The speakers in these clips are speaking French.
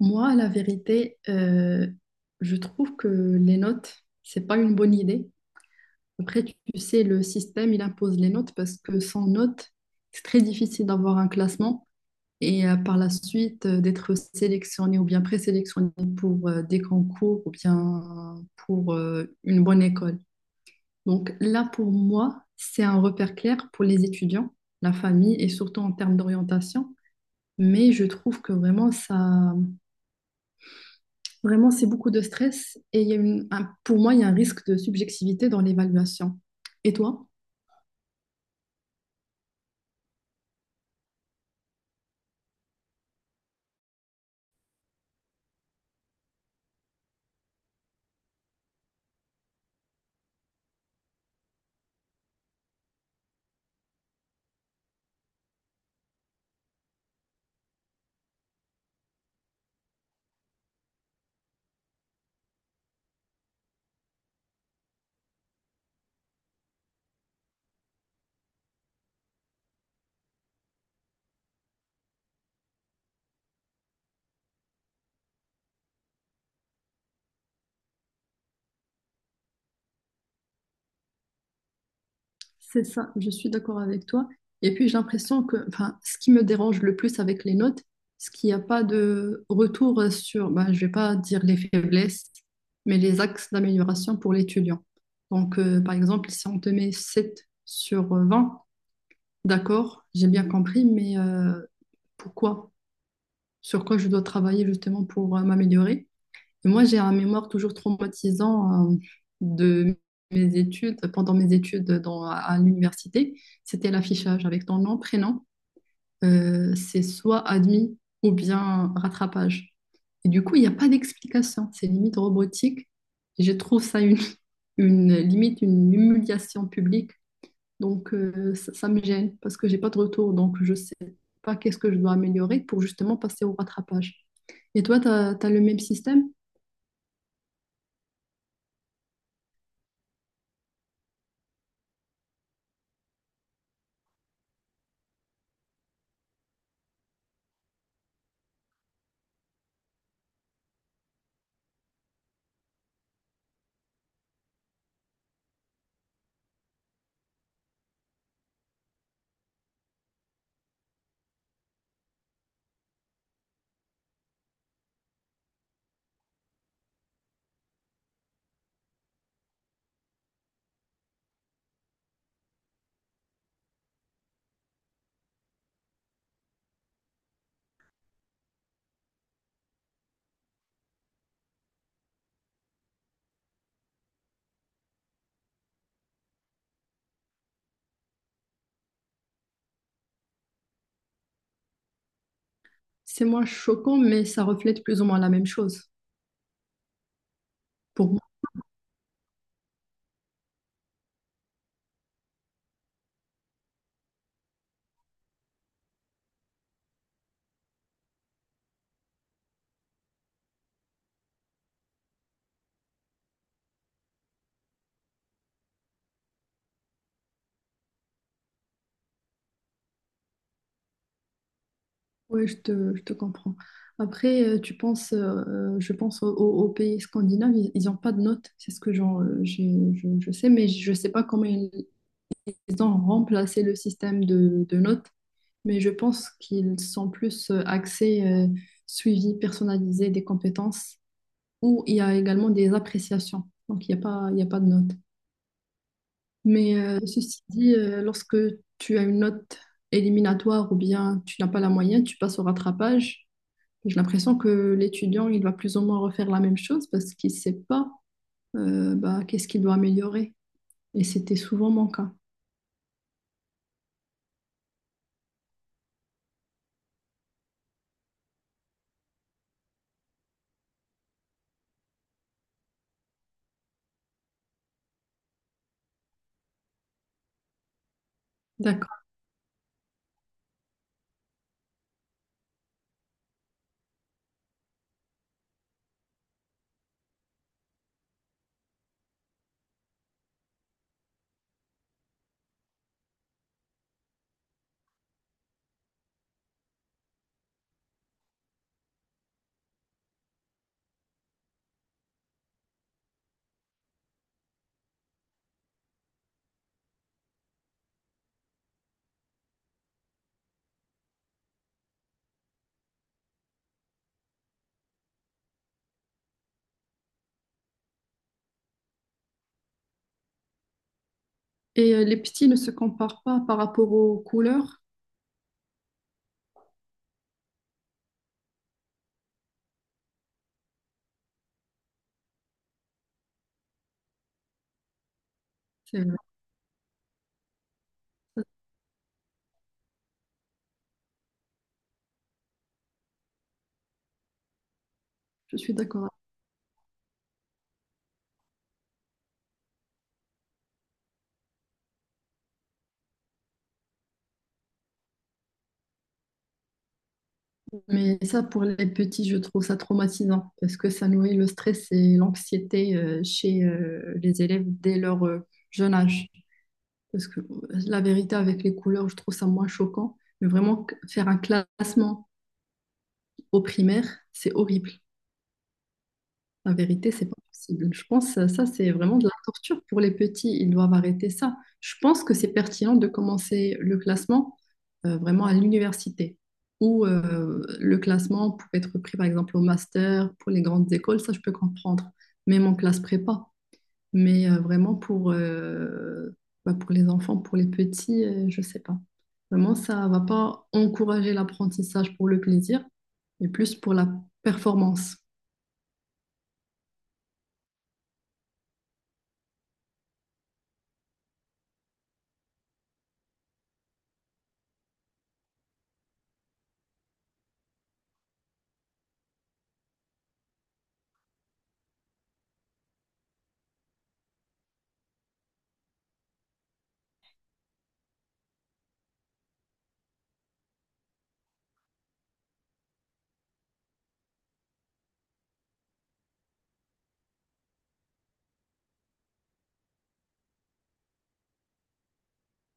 Moi, la vérité, je trouve que les notes, c'est pas une bonne idée. Après, tu sais, le système, il impose les notes parce que sans notes, c'est très difficile d'avoir un classement et par la suite d'être sélectionné ou bien présélectionné pour des concours ou bien pour une bonne école. Donc là, pour moi, c'est un repère clair pour les étudiants, la famille et surtout en termes d'orientation. Mais je trouve que vraiment ça. Vraiment, c'est beaucoup de stress et il y a pour moi, il y a un risque de subjectivité dans l'évaluation. Et toi? C'est ça, je suis d'accord avec toi. Et puis, j'ai l'impression que enfin, ce qui me dérange le plus avec les notes, c'est qu'il n'y a pas de retour sur, ben, je vais pas dire les faiblesses, mais les axes d'amélioration pour l'étudiant. Donc, par exemple, si on te met 7 sur 20. D'accord, j'ai bien compris, mais pourquoi? Sur quoi je dois travailler justement pour m'améliorer? Moi, j'ai un mémoire toujours traumatisant de mes études, pendant mes études à l'université. C'était l'affichage avec ton nom, prénom. C'est soit admis ou bien rattrapage. Et du coup, il n'y a pas d'explication. C'est limite robotique. Et je trouve ça limite une humiliation publique. Donc, ça, ça me gêne parce que j'ai pas de retour. Donc, je sais pas qu'est-ce que je dois améliorer pour justement passer au rattrapage. Et toi, tu as le même système? C'est moins choquant, mais ça reflète plus ou moins la même chose pour moi. Oui, je te comprends. Après, je pense aux pays scandinaves, ils n'ont pas de notes. C'est ce que je sais, mais je ne sais pas comment ils, ils ont remplacé le système de notes. Mais je pense qu'ils sont plus axés suivi personnalisé des compétences où il y a également des appréciations. Donc, il y a pas de notes. Mais ceci dit, lorsque tu as une note éliminatoire ou bien tu n'as pas la moyenne, tu passes au rattrapage. J'ai l'impression que l'étudiant, il va plus ou moins refaire la même chose parce qu'il ne sait pas bah, qu'est-ce qu'il doit améliorer. Et c'était souvent mon cas. D'accord. Et les petits ne se comparent pas par rapport aux couleurs. C'est- Je suis d'accord toi. Mais ça, pour les petits, je trouve ça traumatisant parce que ça nourrit le stress et l'anxiété chez les élèves dès leur jeune âge. Parce que la vérité avec les couleurs, je trouve ça moins choquant. Mais vraiment, faire un classement au primaire, c'est horrible. La vérité, c'est pas possible. Je pense que ça, c'est vraiment de la torture pour les petits. Ils doivent arrêter ça. Je pense que c'est pertinent de commencer le classement vraiment à l'université, où le classement peut être pris, par exemple, au master, pour les grandes écoles, ça, je peux comprendre. Même en classe prépa. Mais vraiment pour, bah, pour les enfants, pour les petits, je sais pas. Vraiment, ça va pas encourager l'apprentissage pour le plaisir, mais plus pour la performance.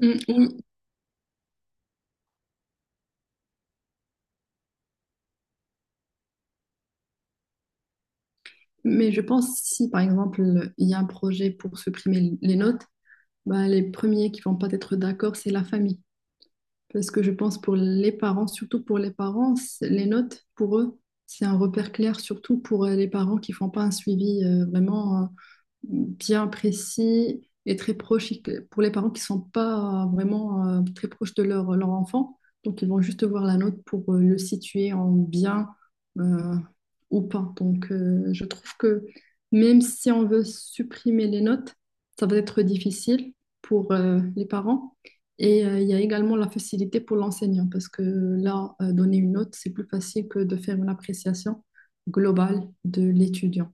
Mm, oui, mais je pense si, par exemple, il y a un projet pour supprimer les notes, bah, les premiers qui vont pas être d'accord, c'est la famille. Parce que je pense pour les parents, surtout pour les parents, les notes, pour eux, c'est un repère clair, surtout pour les parents qui font pas un suivi vraiment bien précis et très proche, pour les parents qui ne sont pas vraiment très proches de leur enfant. Donc, ils vont juste voir la note pour le situer en bien euh, ou pas. Donc, je trouve que même si on veut supprimer les notes, ça va être difficile pour les parents. Et il y a également la facilité pour l'enseignant parce que là, donner une note, c'est plus facile que de faire une appréciation globale de l'étudiant.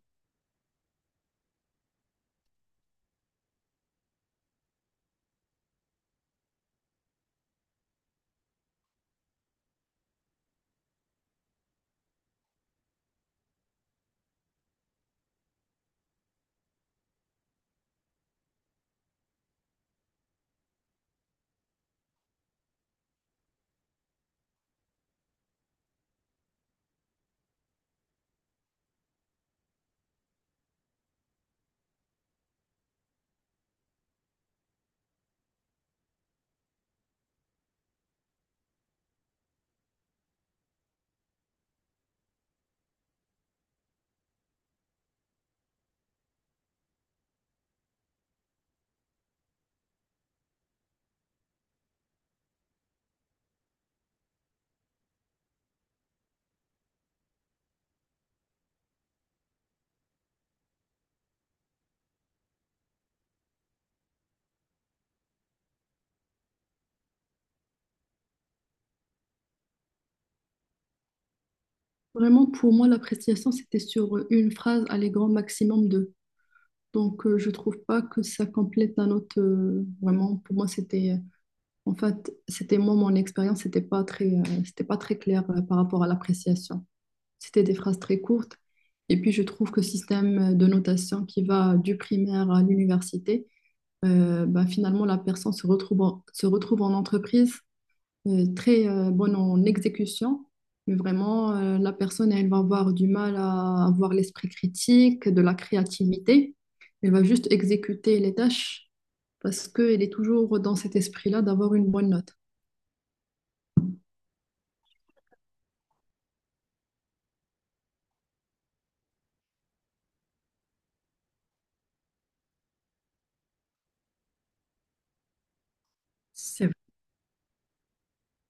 Vraiment, pour moi, l'appréciation, c'était sur une phrase, allez, grand maximum deux. Donc, je trouve pas que ça complète un autre. Vraiment, pour moi, c'était. En fait, c'était moi, mon expérience, c'était pas très clair par rapport à l'appréciation. C'était des phrases très courtes. Et puis, je trouve que système de notation qui va du primaire à l'université, bah, finalement, la personne se retrouve en entreprise très bonne en exécution, mais vraiment, la personne, elle va avoir du mal à avoir l'esprit critique, de la créativité. Elle va juste exécuter les tâches parce qu'elle est toujours dans cet esprit-là d'avoir une bonne note. C'est.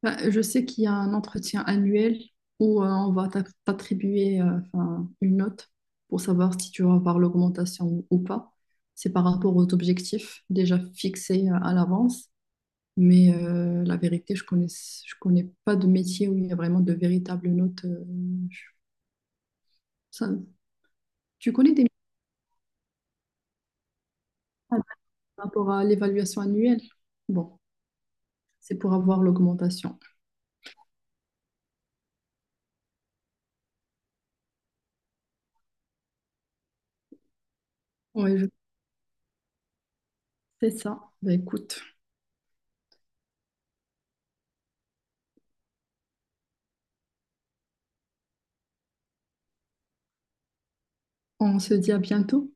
Bah, je sais qu'il y a un entretien annuel où on va t'attribuer enfin, une note pour savoir si tu vas avoir l'augmentation ou pas. C'est par rapport aux objectifs déjà fixés à l'avance. Mais la vérité, je connais pas de métier où il y a vraiment de véritables notes. Je- ça- Tu connais des métiers par rapport à l'évaluation annuelle? Bon, c'est pour avoir l'augmentation. Oui, c'est ça. Bah, écoute, on se dit à bientôt.